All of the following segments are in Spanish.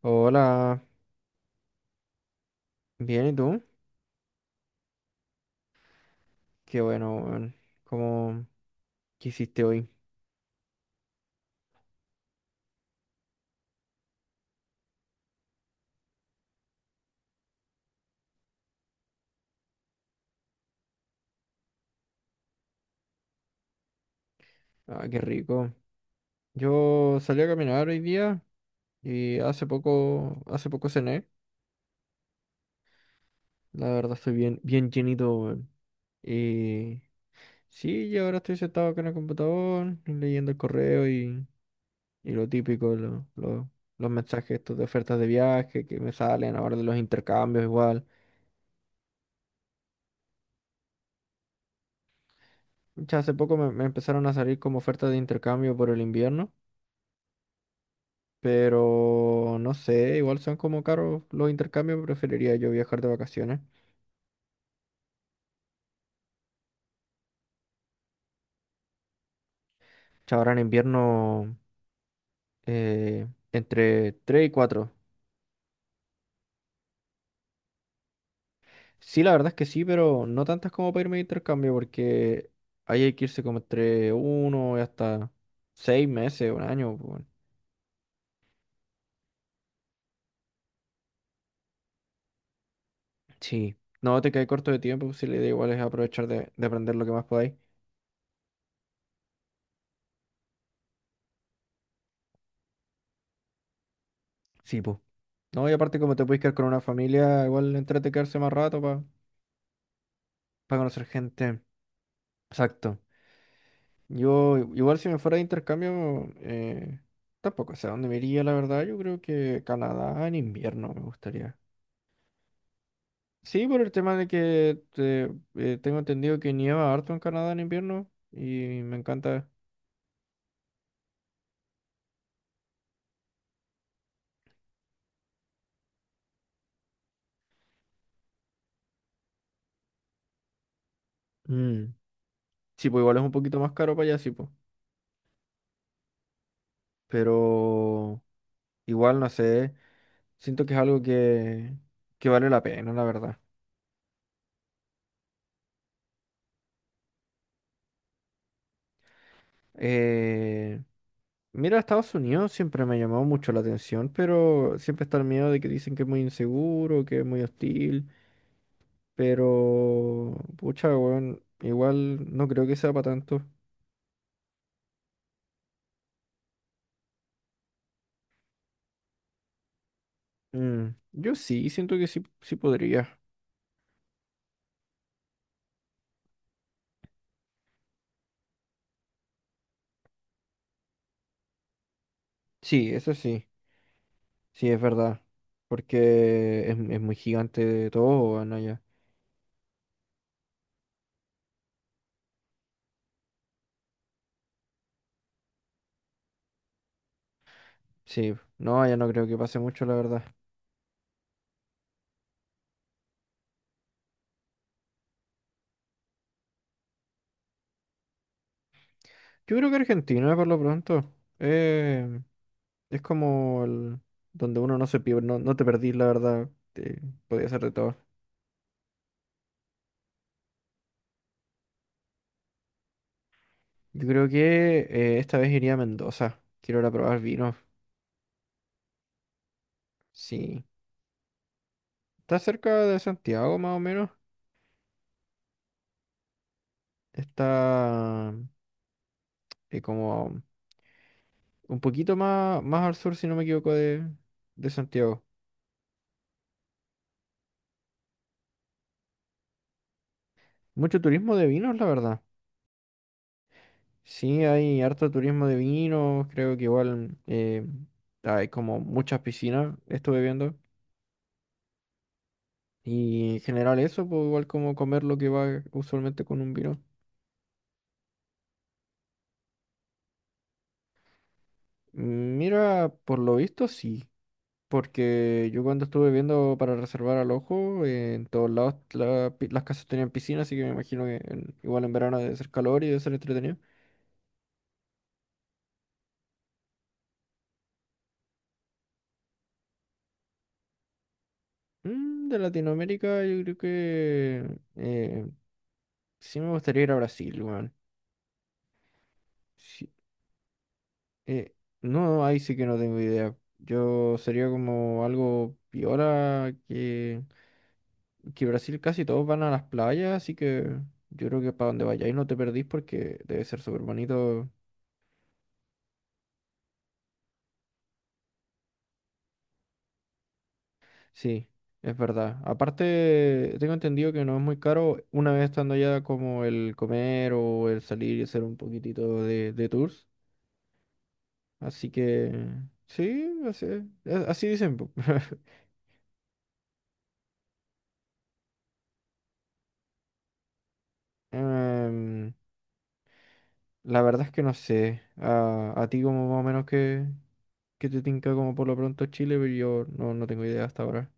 Hola, bien, ¿y tú? Qué bueno, weón. ¿Cómo ¿Qué hiciste hoy? Ah, qué rico. Yo salí a caminar hoy día y hace poco cené. La verdad estoy bien, bien llenito, weón. Y sí, y ahora estoy sentado acá en el computador, leyendo el correo y lo típico, los mensajes estos de ofertas de viaje que me salen ahora de los intercambios igual. Ya hace poco me empezaron a salir como ofertas de intercambio por el invierno. Pero no sé, igual son como caros los intercambios, preferiría yo viajar de vacaciones. Ahora en invierno entre 3 y cuatro. Sí, la verdad es que sí, pero no tantas como para irme de intercambio, porque ahí hay que irse como entre uno y hasta 6 meses, un año, pues, bueno. Sí, no te quedas corto de tiempo, pues, si la idea igual es aprovechar de aprender lo que más podáis. Sí, pues. No, y aparte como te puedes quedar con una familia, igual entrete quedarse más rato para conocer gente. Exacto. Yo, igual si me fuera de intercambio, tampoco sé a dónde me iría, la verdad. Yo creo que Canadá en invierno me gustaría. Sí, por el tema de que tengo entendido que nieva harto en Canadá en invierno y me encanta. Mm. Sí, pues igual es un poquito más caro para allá, sí, pues. Pero igual, no sé, siento que es algo que vale la pena, la verdad. Eh, Mira, Estados Unidos siempre me ha llamado mucho la atención, pero siempre está el miedo de que dicen que es muy inseguro, que es muy hostil, pero pucha, weón, igual no creo que sea para tanto. Yo sí, siento que sí, sí podría. Sí, eso sí, sí es verdad, porque es muy gigante todo, weón, allá. Sí, no, allá no creo que pase mucho, la verdad. Yo creo que Argentina, por lo pronto. Eh, Es como donde uno no se pierde, no, no te perdí, la verdad. Te, podía ser de todo. Yo creo que esta vez iría a Mendoza. Quiero ir a probar vinos. Sí. Está cerca de Santiago, más o menos. Está como un poquito más, más al sur, si no me equivoco, de Santiago. Mucho turismo de vinos, la verdad. Sí, hay harto turismo de vinos. Creo que igual hay como muchas piscinas, estuve viendo. Y en general eso, pues igual como comer lo que va usualmente con un vino. Mira, por lo visto sí, porque yo cuando estuve viendo para reservar al ojo, en todos lados las casas tenían piscina, así que me imagino que en- igual en verano debe ser calor y debe ser entretenido. De Latinoamérica yo creo que sí me gustaría ir a Brasil, weón. Sí, eh, no, ahí sí que no tengo idea. Yo sería como algo piola que... Que Brasil casi todos van a las playas, así que yo creo que para donde vayáis no te perdís porque debe ser súper bonito. Sí, es verdad. Aparte, tengo entendido que no es muy caro una vez estando allá como el comer o el salir y hacer un poquitito de tours. Así que sí, así, así dicen, po. Em, la verdad es que no sé. A ti como más o menos que, te tinca como por lo pronto Chile, pero yo no, no tengo idea hasta ahora.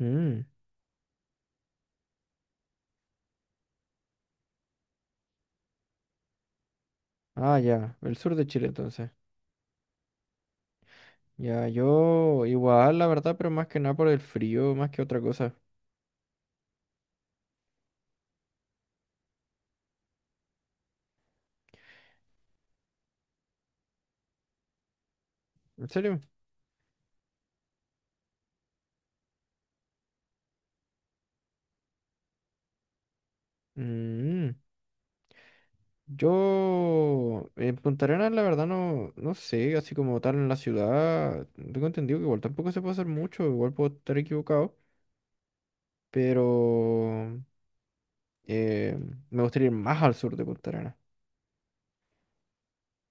Mm. Ah, ya, el sur de Chile entonces. Ya, yo igual, la verdad, pero más que nada por el frío, más que otra cosa. ¿En serio? Mm, yo en Punta Arenas, la verdad, no, no sé, así como tal en la ciudad, tengo entendido que igual tampoco se puede hacer mucho, igual puedo estar equivocado, pero eh, me gustaría ir más al sur de Punta Arenas,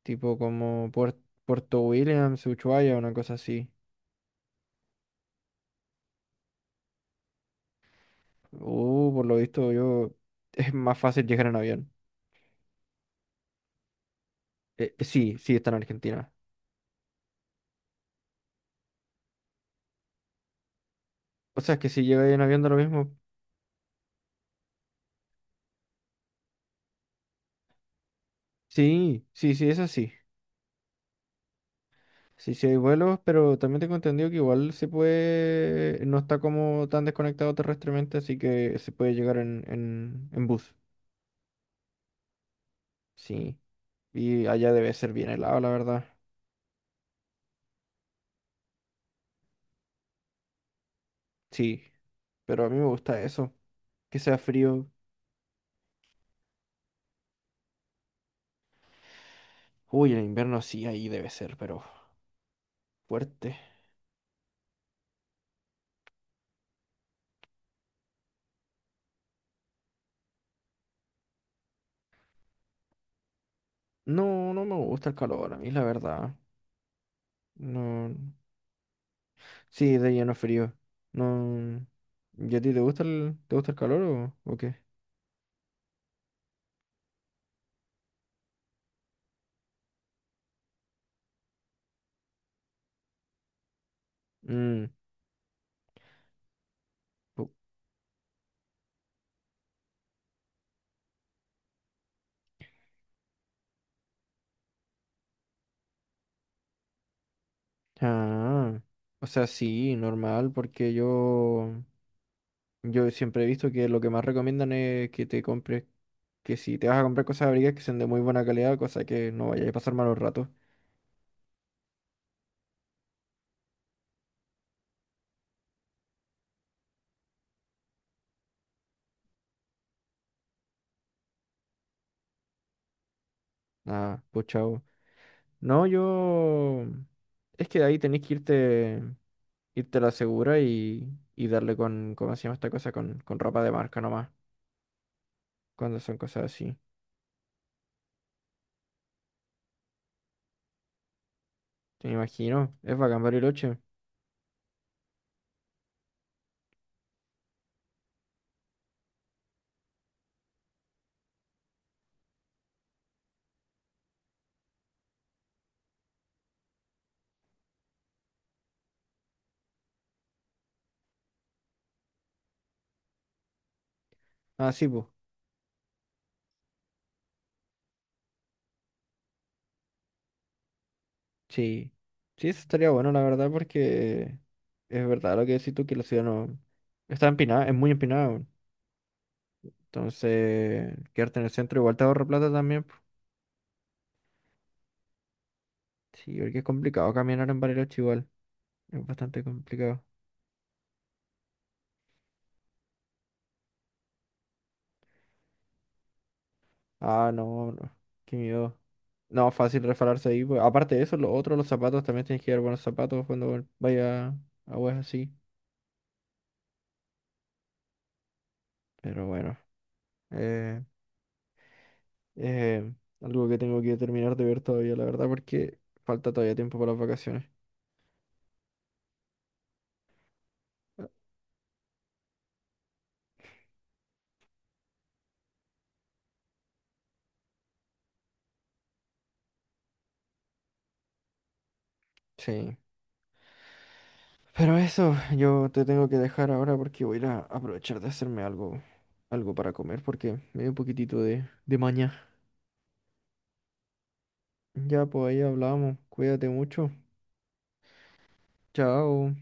tipo como Puerto Williams, Ushuaia, una cosa así. Por lo visto yo es más fácil llegar en avión. Sí, sí, está en Argentina. O sea, es que si llega en avión da lo mismo. Sí, sí, sí, es así. Sí, sí hay vuelos, pero también tengo entendido que igual se puede, no está como tan desconectado terrestremente, así que se puede llegar en bus. Sí. Y allá debe ser bien helado, la verdad. Sí. Pero a mí me gusta eso. Que sea frío. Uy, en invierno sí, ahí debe ser, pero fuerte. No, no me gusta el calor, a mí la verdad. No. Sí, de lleno frío. No. ¿Y a ti te gusta el calor o qué? Mm, pu- Ah, o sea, sí, normal, porque yo siempre he visto que lo que más recomiendan es que te compres, que si te vas a comprar cosas abrigadas que sean de muy buena calidad, cosa que no vayas a pasar malos ratos. Ah, pues chao. No, yo, es que ahí tenés que irte a la segura y darle con, ¿cómo se llama esta cosa? Con ropa de marca nomás, cuando son cosas así. Me imagino, es bacán Bariloche. Ah, sí, pues. Sí. Sí, eso estaría bueno, la verdad, porque es verdad lo que decís tú, que la ciudad no está empinada, es muy empinada, weón. Entonces, quedarte en el centro igual te ahorra plata también, po. Sí, porque es complicado caminar en Bariloche igual. Es bastante complicado. Ah, no, no. Qué miedo. No, fácil refalarse ahí, pues. Aparte de eso, lo otro, los zapatos, también tienes que llevar buenos zapatos cuando vaya a weas así. Pero bueno. Eh... Eh, algo que tengo que terminar de ver todavía, la verdad, porque falta todavía tiempo para las vacaciones. Ah, sí. Pero eso, yo te tengo que dejar ahora porque voy a ir a aprovechar de hacerme algo, algo para comer porque me dio un poquitito de maña. Ya, pues ahí hablamos. Cuídate mucho. Chao.